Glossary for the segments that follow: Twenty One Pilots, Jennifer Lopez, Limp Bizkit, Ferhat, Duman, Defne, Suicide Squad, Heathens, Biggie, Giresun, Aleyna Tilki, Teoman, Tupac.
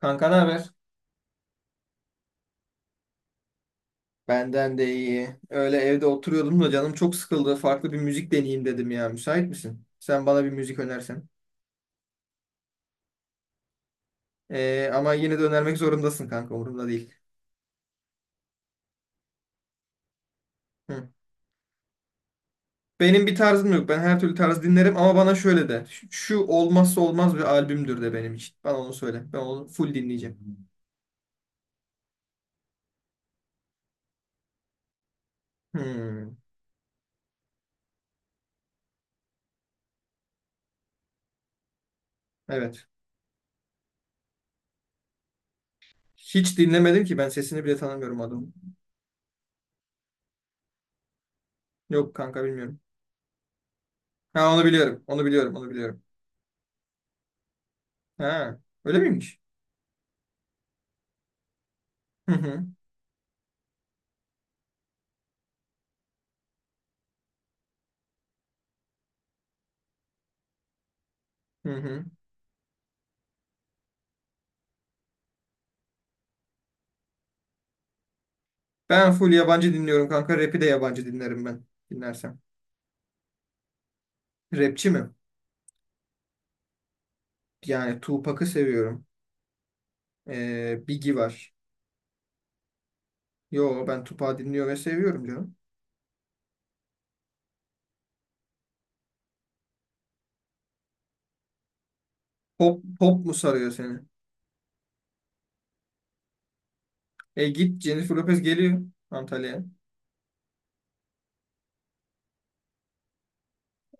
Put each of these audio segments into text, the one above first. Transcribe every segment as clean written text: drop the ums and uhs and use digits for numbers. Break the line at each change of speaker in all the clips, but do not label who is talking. Kanka ne haber? Benden de iyi. Öyle evde oturuyordum da canım çok sıkıldı. Farklı bir müzik deneyeyim dedim ya. Müsait misin? Sen bana bir müzik önersen. Ama yine de önermek zorundasın kanka. Umurumda değil. Hı. Benim bir tarzım yok. Ben her türlü tarz dinlerim ama bana şöyle de. Şu şu olmazsa olmaz bir albümdür de benim için. Bana onu söyle. Ben onu full dinleyeceğim. Hmm. Evet. Hiç dinlemedim ki. Ben sesini bile tanımıyorum adamın. Yok kanka bilmiyorum. Ha onu biliyorum. Onu biliyorum. Onu biliyorum. Ha öyle miymiş? Hı hı. Hı hı. Ben full yabancı dinliyorum kanka. Rap'i de yabancı dinlerim ben. Dinlersem. Rapçi mi? Yani Tupac'ı seviyorum. Biggie var. Yo ben Tupac'ı dinliyor ve seviyorum canım. Pop, pop mu sarıyor seni? E git Jennifer Lopez geliyor Antalya'ya.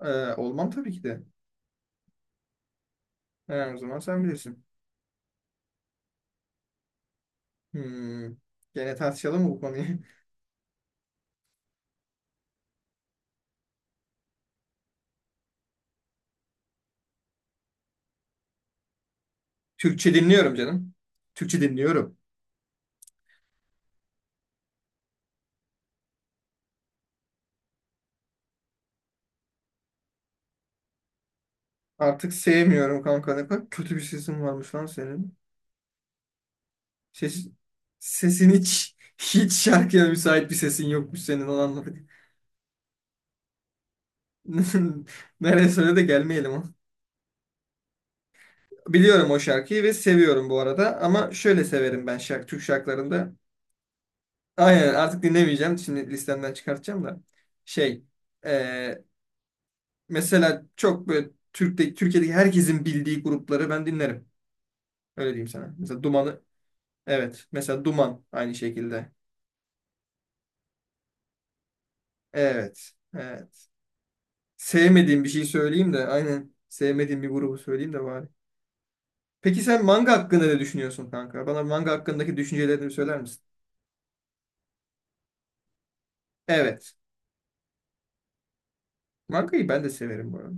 Olmam tabii ki de. He, o zaman sen bilirsin. Hmm. Gene tartışalım mı bu konuyu? Türkçe dinliyorum canım. Türkçe dinliyorum. Artık sevmiyorum kanka. Ne kadar kötü bir sesin varmış lan senin. Ses, sesin hiç hiç şarkıya müsait bir sesin yokmuş senin onu anladık. Nereye söyle de gelmeyelim o. Biliyorum o şarkıyı ve seviyorum bu arada ama şöyle severim ben şarkı, Türk şarkılarında. Aynen artık dinlemeyeceğim. Şimdi listemden çıkartacağım da. Şey e, mesela çok böyle Türkiye'deki herkesin bildiği grupları ben dinlerim. Öyle diyeyim sana. Mesela Duman'ı evet. Mesela Duman aynı şekilde. Evet. Evet. Sevmediğim bir şey söyleyeyim de aynen sevmediğim bir grubu söyleyeyim de bari. Peki sen manga hakkında ne düşünüyorsun kanka? Bana manga hakkındaki düşüncelerini söyler misin? Evet. Mangayı ben de severim bu arada.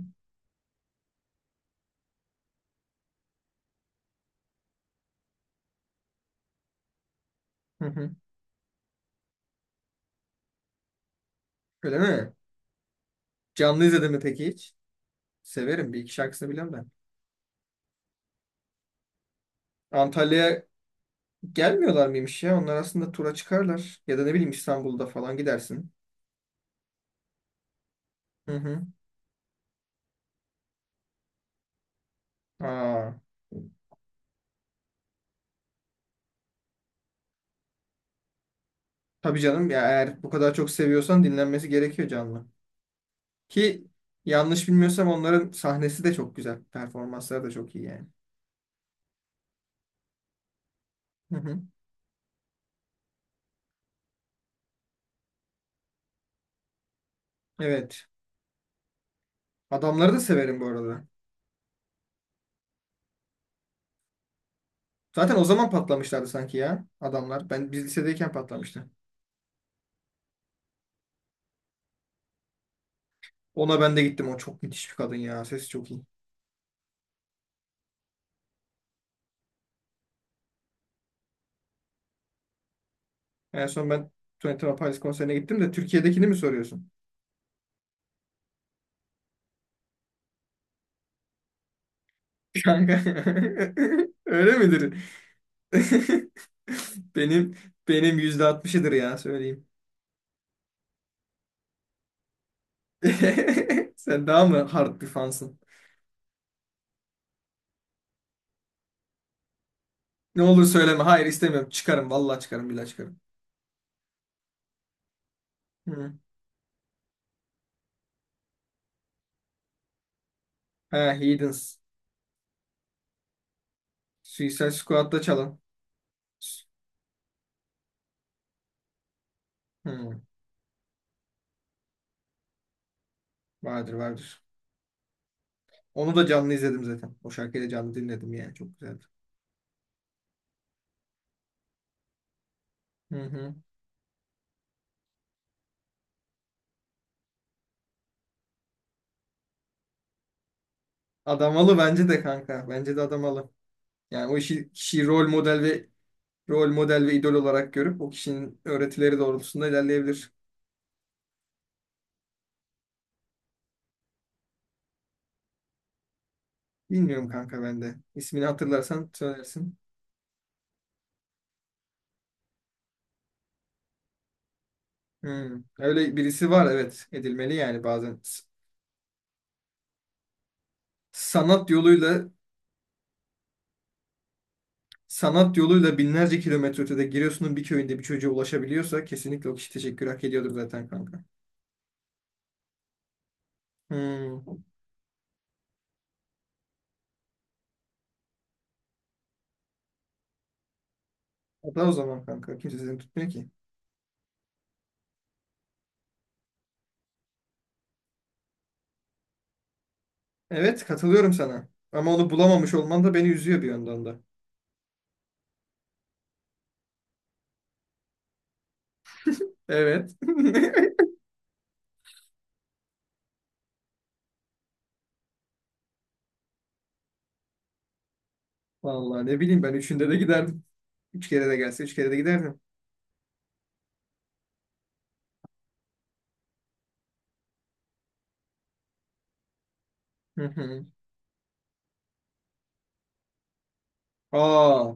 Hı hı. Öyle mi? Canlı izledin mi peki hiç? Severim. Bir iki şarkısını biliyorum ben. Antalya'ya gelmiyorlar mıymış ya? Onlar aslında tura çıkarlar. Ya da ne bileyim İstanbul'da falan gidersin. Hı hı. Aa, tabii canım ya eğer bu kadar çok seviyorsan dinlenmesi gerekiyor canlı. Ki yanlış bilmiyorsam onların sahnesi de çok güzel. Performansları da çok iyi yani. Hı hı. Evet. Adamları da severim bu arada. Zaten o zaman patlamışlardı sanki ya adamlar. Biz lisedeyken patlamıştı. Ona ben de gittim. O çok müthiş bir kadın ya. Sesi çok iyi. En son ben Twenty One Pilots konserine gittim de Türkiye'dekini mi soruyorsun? Kanka. Öyle midir? Benim benim %60'ıdır ya söyleyeyim. Sen daha mı hard bir fansın? Ne olur söyleme. Hayır istemiyorum. Çıkarım. Vallahi çıkarım. Billahi çıkarım. Hı. He, Heathens. Suicide Squad'da çalan. Hı. Vardır vardır. Onu da canlı izledim zaten. O şarkıyı da canlı dinledim yani. Çok güzeldi. Hı hı. Adamalı bence de kanka. Bence de adamalı. Yani o işi, kişiyi rol model ve idol olarak görüp o kişinin öğretileri doğrultusunda ilerleyebilir. Bilmiyorum kanka ben de. İsmini hatırlarsan söylersin. Hı. Öyle birisi var evet. Edilmeli yani bazen. Sanat yoluyla Sanat yoluyla binlerce kilometre ötede Giresun'un bir köyünde bir çocuğa ulaşabiliyorsa kesinlikle o kişi teşekkür hak ediyordur zaten kanka. Hmm. Hatta o zaman kanka. Kimse seni tutmuyor ki. Evet katılıyorum sana. Ama onu bulamamış olman da beni üzüyor bir yandan da. Evet. Vallahi ne bileyim ben üçünde de giderdim. Üç kere de gelse üç kere de giderdim. Hı hı. Aa,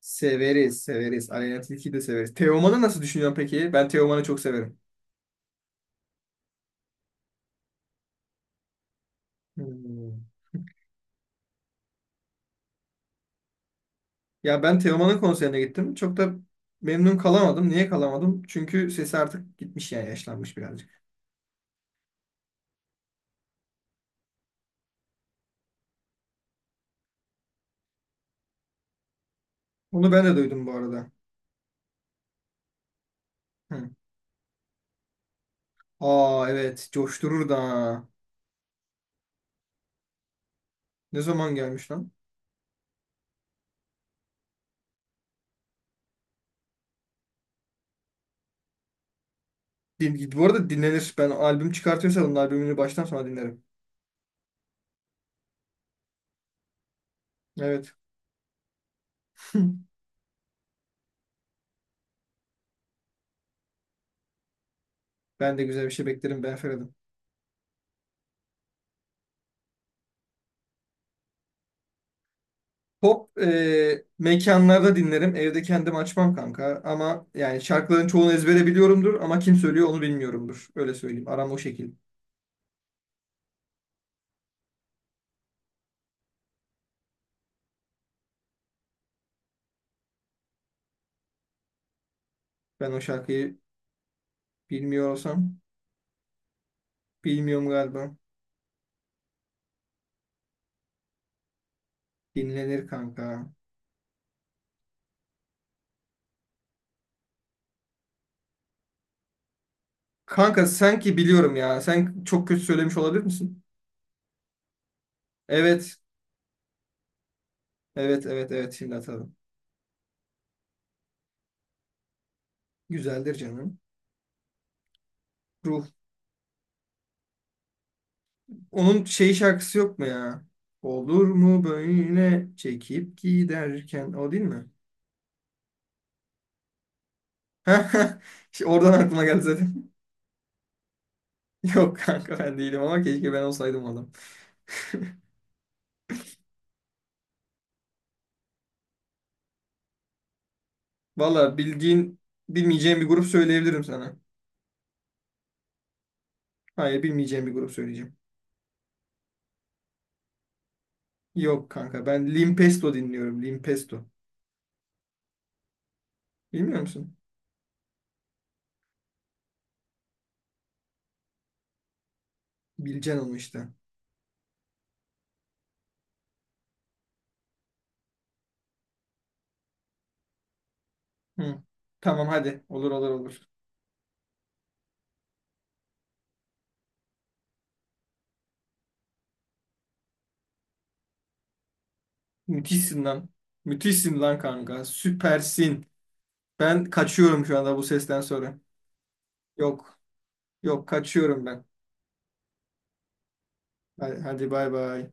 severiz severiz. Aleyna Tilki'yi de severiz. Teoman'ı nasıl düşünüyorsun peki? Ben Teoman'ı çok severim. Hmm. Ya ben Teoman'ın konserine gittim. Çok da memnun kalamadım. Niye kalamadım? Çünkü sesi artık gitmiş yani yaşlanmış birazcık. Onu ben de duydum bu arada. Hı. Aa evet coşturur da. Ne zaman gelmiş lan? Bu arada dinlenir. Ben albüm çıkartıyorsa onun albümünü baştan sona dinlerim. Evet. Ben de güzel bir şey beklerim ben Ferhat'ım. Pop, mekanlarda dinlerim. Evde kendim açmam kanka. Ama yani şarkıların çoğunu ezbere biliyorumdur ama kim söylüyor onu bilmiyorumdur. Öyle söyleyeyim. Aram o şekil. Ben o şarkıyı bilmiyor olsam. Bilmiyorum galiba. Dinlenir kanka. Kanka sanki biliyorum ya. Sen çok kötü söylemiş olabilir misin? Evet. Evet evet evet şimdi atalım. Güzeldir canım. Ruh. Onun şey şarkısı yok mu ya? Olur mu böyle çekip giderken. O değil mi? İşte oradan aklıma geldi zaten. Yok kanka ben değilim ama keşke ben olsaydım o adam. Valla bildiğin bilmeyeceğim bir grup söyleyebilirim sana. Hayır bilmeyeceğim bir grup söyleyeceğim. Yok kanka ben Limp Bizkit dinliyorum. Limp Bizkit. Bilmiyor musun? Bileceksin onu işte. Hı. Tamam hadi. Olur olur olur. Müthişsin lan. Müthişsin lan kanka. Süpersin. Ben kaçıyorum şu anda bu sesten sonra. Yok. Yok kaçıyorum ben. Hadi, hadi bay bay.